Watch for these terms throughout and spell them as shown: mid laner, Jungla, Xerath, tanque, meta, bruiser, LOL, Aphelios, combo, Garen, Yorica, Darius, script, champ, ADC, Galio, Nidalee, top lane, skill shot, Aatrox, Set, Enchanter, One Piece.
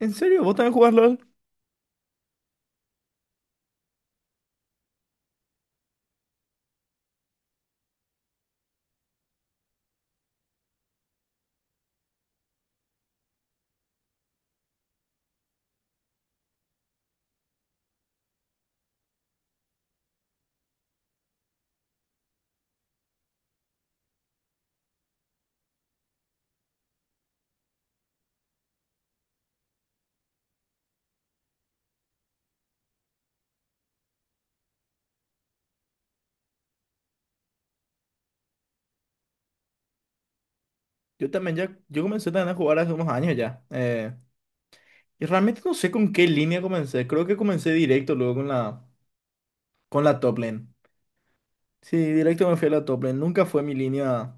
¿En serio? ¿Vos también jugás LOL? Yo comencé también a jugar hace unos años ya. Y realmente no sé con qué línea comencé. Creo que comencé directo luego con con la top lane. Sí, directo me fui a la top lane. Nunca fue mi línea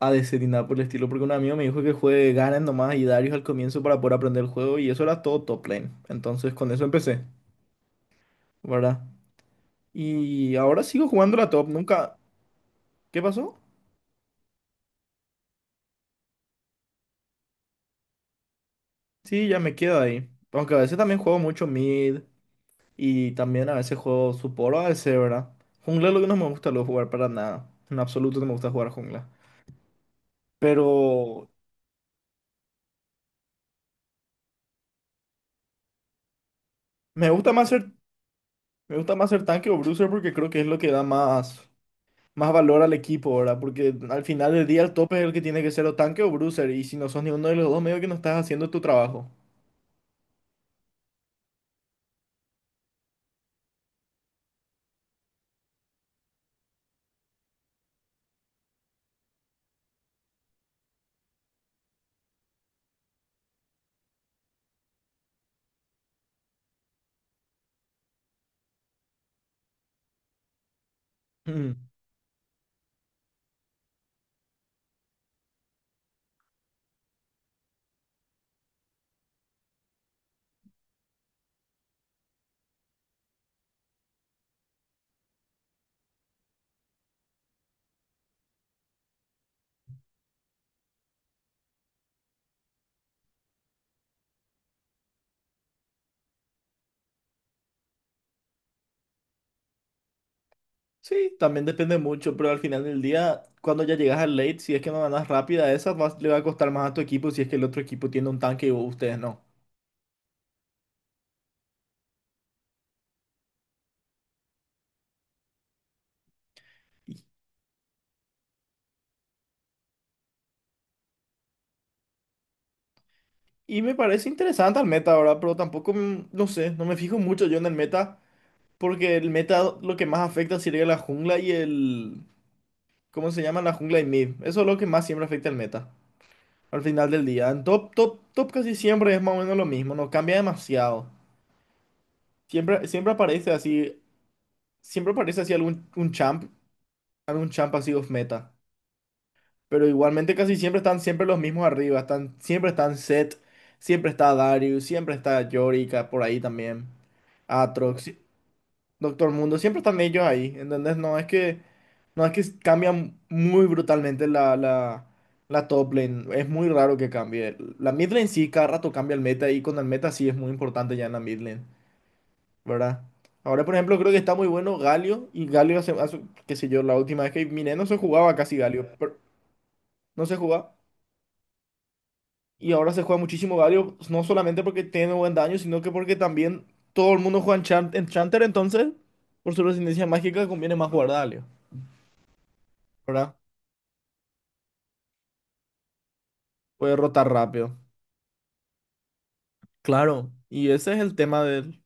ADC ni nada por el estilo, porque un amigo me dijo que juegue Garen nomás y Darius al comienzo para poder aprender el juego y eso era todo top lane. Entonces con eso empecé, ¿verdad? Y ahora sigo jugando la top, nunca... ¿Qué pasó? Sí, ya me quedo ahí. Aunque a veces también juego mucho mid. Y también a veces juego support, o a veces, ¿verdad? Jungla es lo que no me gusta luego jugar para nada. En absoluto no me gusta jugar jungla. Pero me gusta más me gusta más ser tanque o bruiser porque creo que es lo que da más, más valor al equipo, ¿verdad? Porque al final del día el tope es el que tiene que ser o tanque o bruiser. Y si no sos ninguno de los dos, medio que no estás haciendo tu trabajo. Mm. Sí, también depende mucho, pero al final del día, cuando ya llegas al late, si es que no ganas rápida, esa le va a costar más a tu equipo si es que el otro equipo tiene un tanque y ustedes no. Y me parece interesante el meta ahora, pero tampoco, no sé, no me fijo mucho yo en el meta, porque el meta lo que más afecta sería la jungla y el... ¿Cómo se llama? La jungla y mid. Eso es lo que más siempre afecta el meta, al final del día. En top, top, top casi siempre es más o menos lo mismo, no cambia demasiado. Siempre, siempre aparece así algún un champ, algún champ así off meta. Pero igualmente casi siempre están siempre los mismos arriba. Siempre están Set, siempre está Darius, siempre está Yorica por ahí también. Aatrox, Doctor Mundo, siempre están ellos ahí, ¿entendés? No es que cambian muy brutalmente la top lane. Es muy raro que cambie. La mid lane sí, cada rato cambia el meta y con el meta sí es muy importante ya en la mid lane, ¿verdad? Ahora, por ejemplo, creo que está muy bueno Galio y Galio hace. Qué sé yo, la última vez que miré no se jugaba casi Galio, pero no se jugaba. Y ahora se juega muchísimo Galio, no solamente porque tiene buen daño, sino que porque también todo el mundo juega Enchanter. Entonces, por su resistencia mágica, conviene más jugar Galio, ¿verdad? Puede rotar rápido. Claro, y ese es el tema del...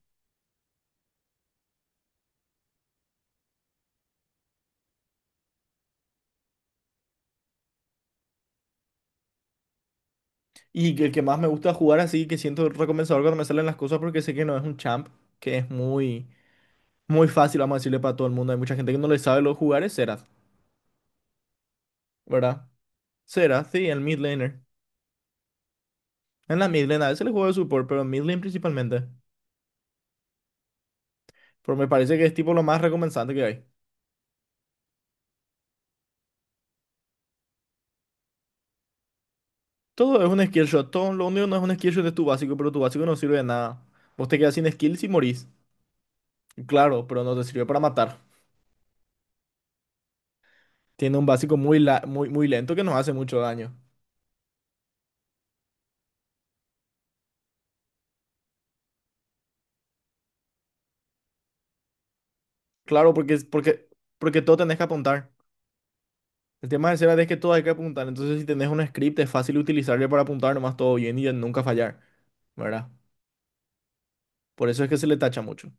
Y el que más me gusta jugar así, que siento recompensador cuando me salen las cosas, porque sé que no es un champ, que es muy fácil, vamos a decirle, para todo el mundo. Hay mucha gente que no le sabe lo jugar, es Xerath, ¿verdad? Xerath, sí, el mid laner. En la mid lane a veces le juego de support, pero en mid lane principalmente. Pero me parece que es tipo lo más recompensante que hay. Todo es un skill shot. Todo, lo único que no es un skill shot es tu básico, pero tu básico no sirve de nada. Vos te quedas sin skills y morís. Claro, pero no te sirve para matar. Tiene un básico muy lento que nos hace mucho daño. Claro, porque todo tenés que apuntar. El tema de Serad es que todo hay que apuntar. Entonces, si tenés un script, es fácil utilizarle para apuntar nomás todo bien y de nunca fallar, ¿verdad? Por eso es que se le tacha mucho.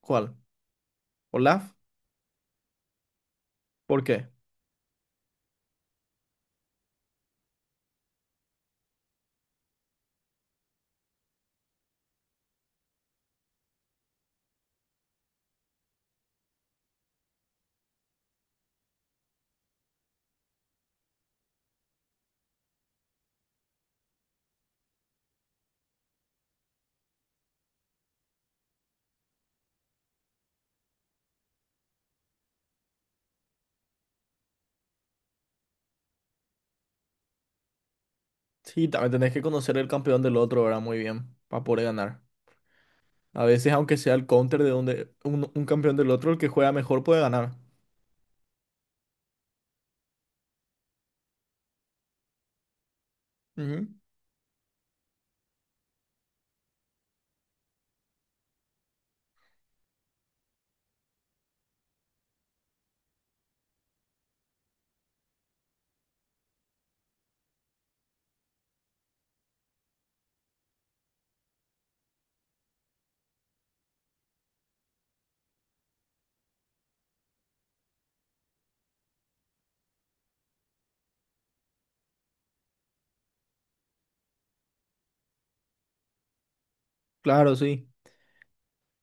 ¿Cuál? ¿Olaf? ¿Por qué? Sí, también tenés que conocer el campeón del otro, ¿verdad? Muy bien, para poder ganar. A veces, aunque sea el counter de donde un campeón del otro, el que juega mejor puede ganar. Ujú. Claro, sí.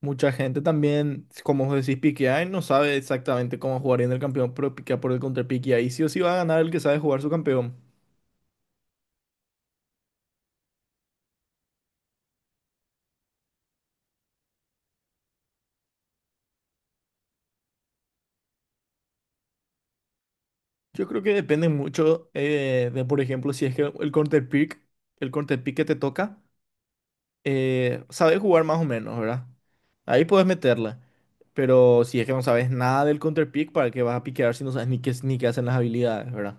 Mucha gente también, como vos decís, piquea y no sabe exactamente cómo jugar en el campeón, pero piquea por el counter pick y ahí sí o sí va a ganar el que sabe jugar su campeón. Yo creo que depende mucho de, por ejemplo, si es que el counter el counter pick que te toca, sabes jugar más o menos, ¿verdad? Ahí puedes meterla. Pero si es que no sabes nada del counter pick, ¿para qué vas a piquear si no sabes ni ni qué hacen las habilidades, ¿verdad?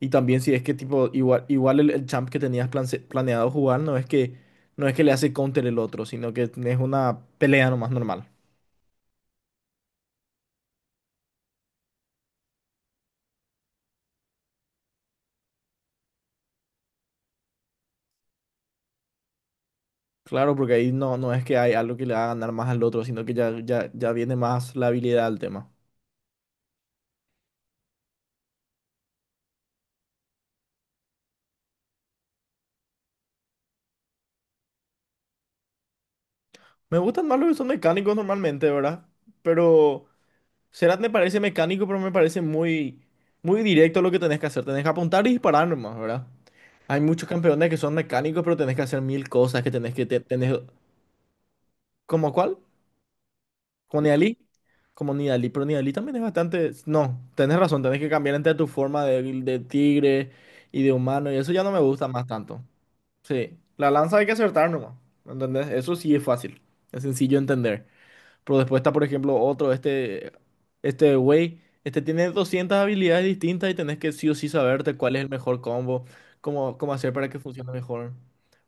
Y también si es que tipo, igual el champ que tenías planeado jugar no es que, no es que le hace counter el otro, sino que es una pelea nomás normal. Claro, porque ahí no es que hay algo que le haga ganar más al otro, sino que ya viene más la habilidad al tema. Me gustan más los que son mecánicos normalmente, ¿verdad? Pero Serat me parece mecánico, pero me parece muy directo lo que tenés que hacer. Tenés que apuntar y disparar nomás, ¿verdad? Hay muchos campeones que son mecánicos, pero tenés que hacer mil cosas, que tenés tenés... ¿Cómo cuál? Como Nidalee, como Nidalee, pero Nidalee también es bastante. No, tenés razón, tenés que cambiar entre tu forma de tigre y de humano, y eso ya no me gusta más tanto. Sí, la lanza hay que acertar nomás, ¿entendés? Eso sí es fácil, es sencillo de entender. Pero después está, por ejemplo, este güey, este tiene 200 habilidades distintas y tenés que sí o sí saberte cuál es el mejor combo, cómo hacer para que funcione mejor.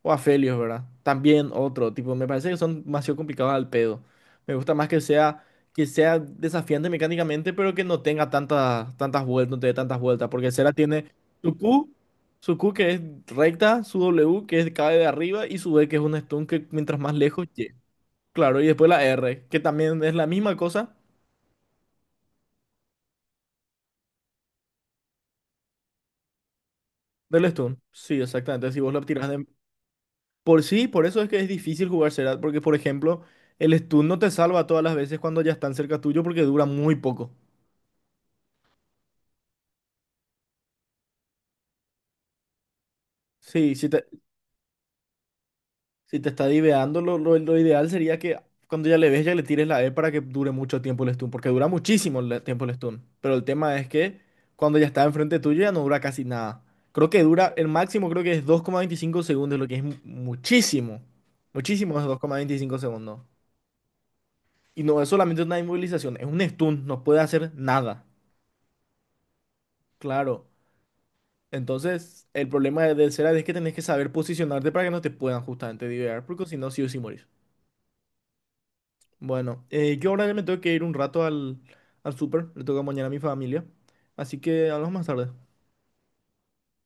O Aphelios, ¿verdad? También otro, tipo, me parece que son demasiado complicados al pedo. Me gusta más que que sea desafiante mecánicamente, pero que no tenga tantas vueltas, no te dé tantas vueltas, porque Sera tiene su Q, su Q que es recta, su W que es cae de arriba y su B que es un stun que mientras más lejos llega. Claro, y después la R, que también es la misma cosa del stun. Sí, exactamente. Si vos lo tirás de... Por sí, por eso es que es difícil jugar Serat, porque por ejemplo, el stun no te salva todas las veces cuando ya están cerca tuyo porque dura muy poco. Sí, si te está diveando, lo ideal sería que cuando ya le ves, ya le tires la E para que dure mucho tiempo el stun, porque dura muchísimo el tiempo el stun. Pero el tema es que cuando ya está enfrente tuyo ya no dura casi nada. Creo que dura, el máximo creo que es 2,25 segundos, lo que es muchísimo. Muchísimo es 2,25 segundos. Y no es solamente una inmovilización, es un stun, no puede hacer nada. Claro. Entonces, el problema de Serad es que tenés que saber posicionarte para que no te puedan justamente divear, porque si no, sí o sí morís. Bueno, yo ahora ya me tengo que ir un rato al, al súper, le toca mañana a mi familia, así que hablamos más tarde.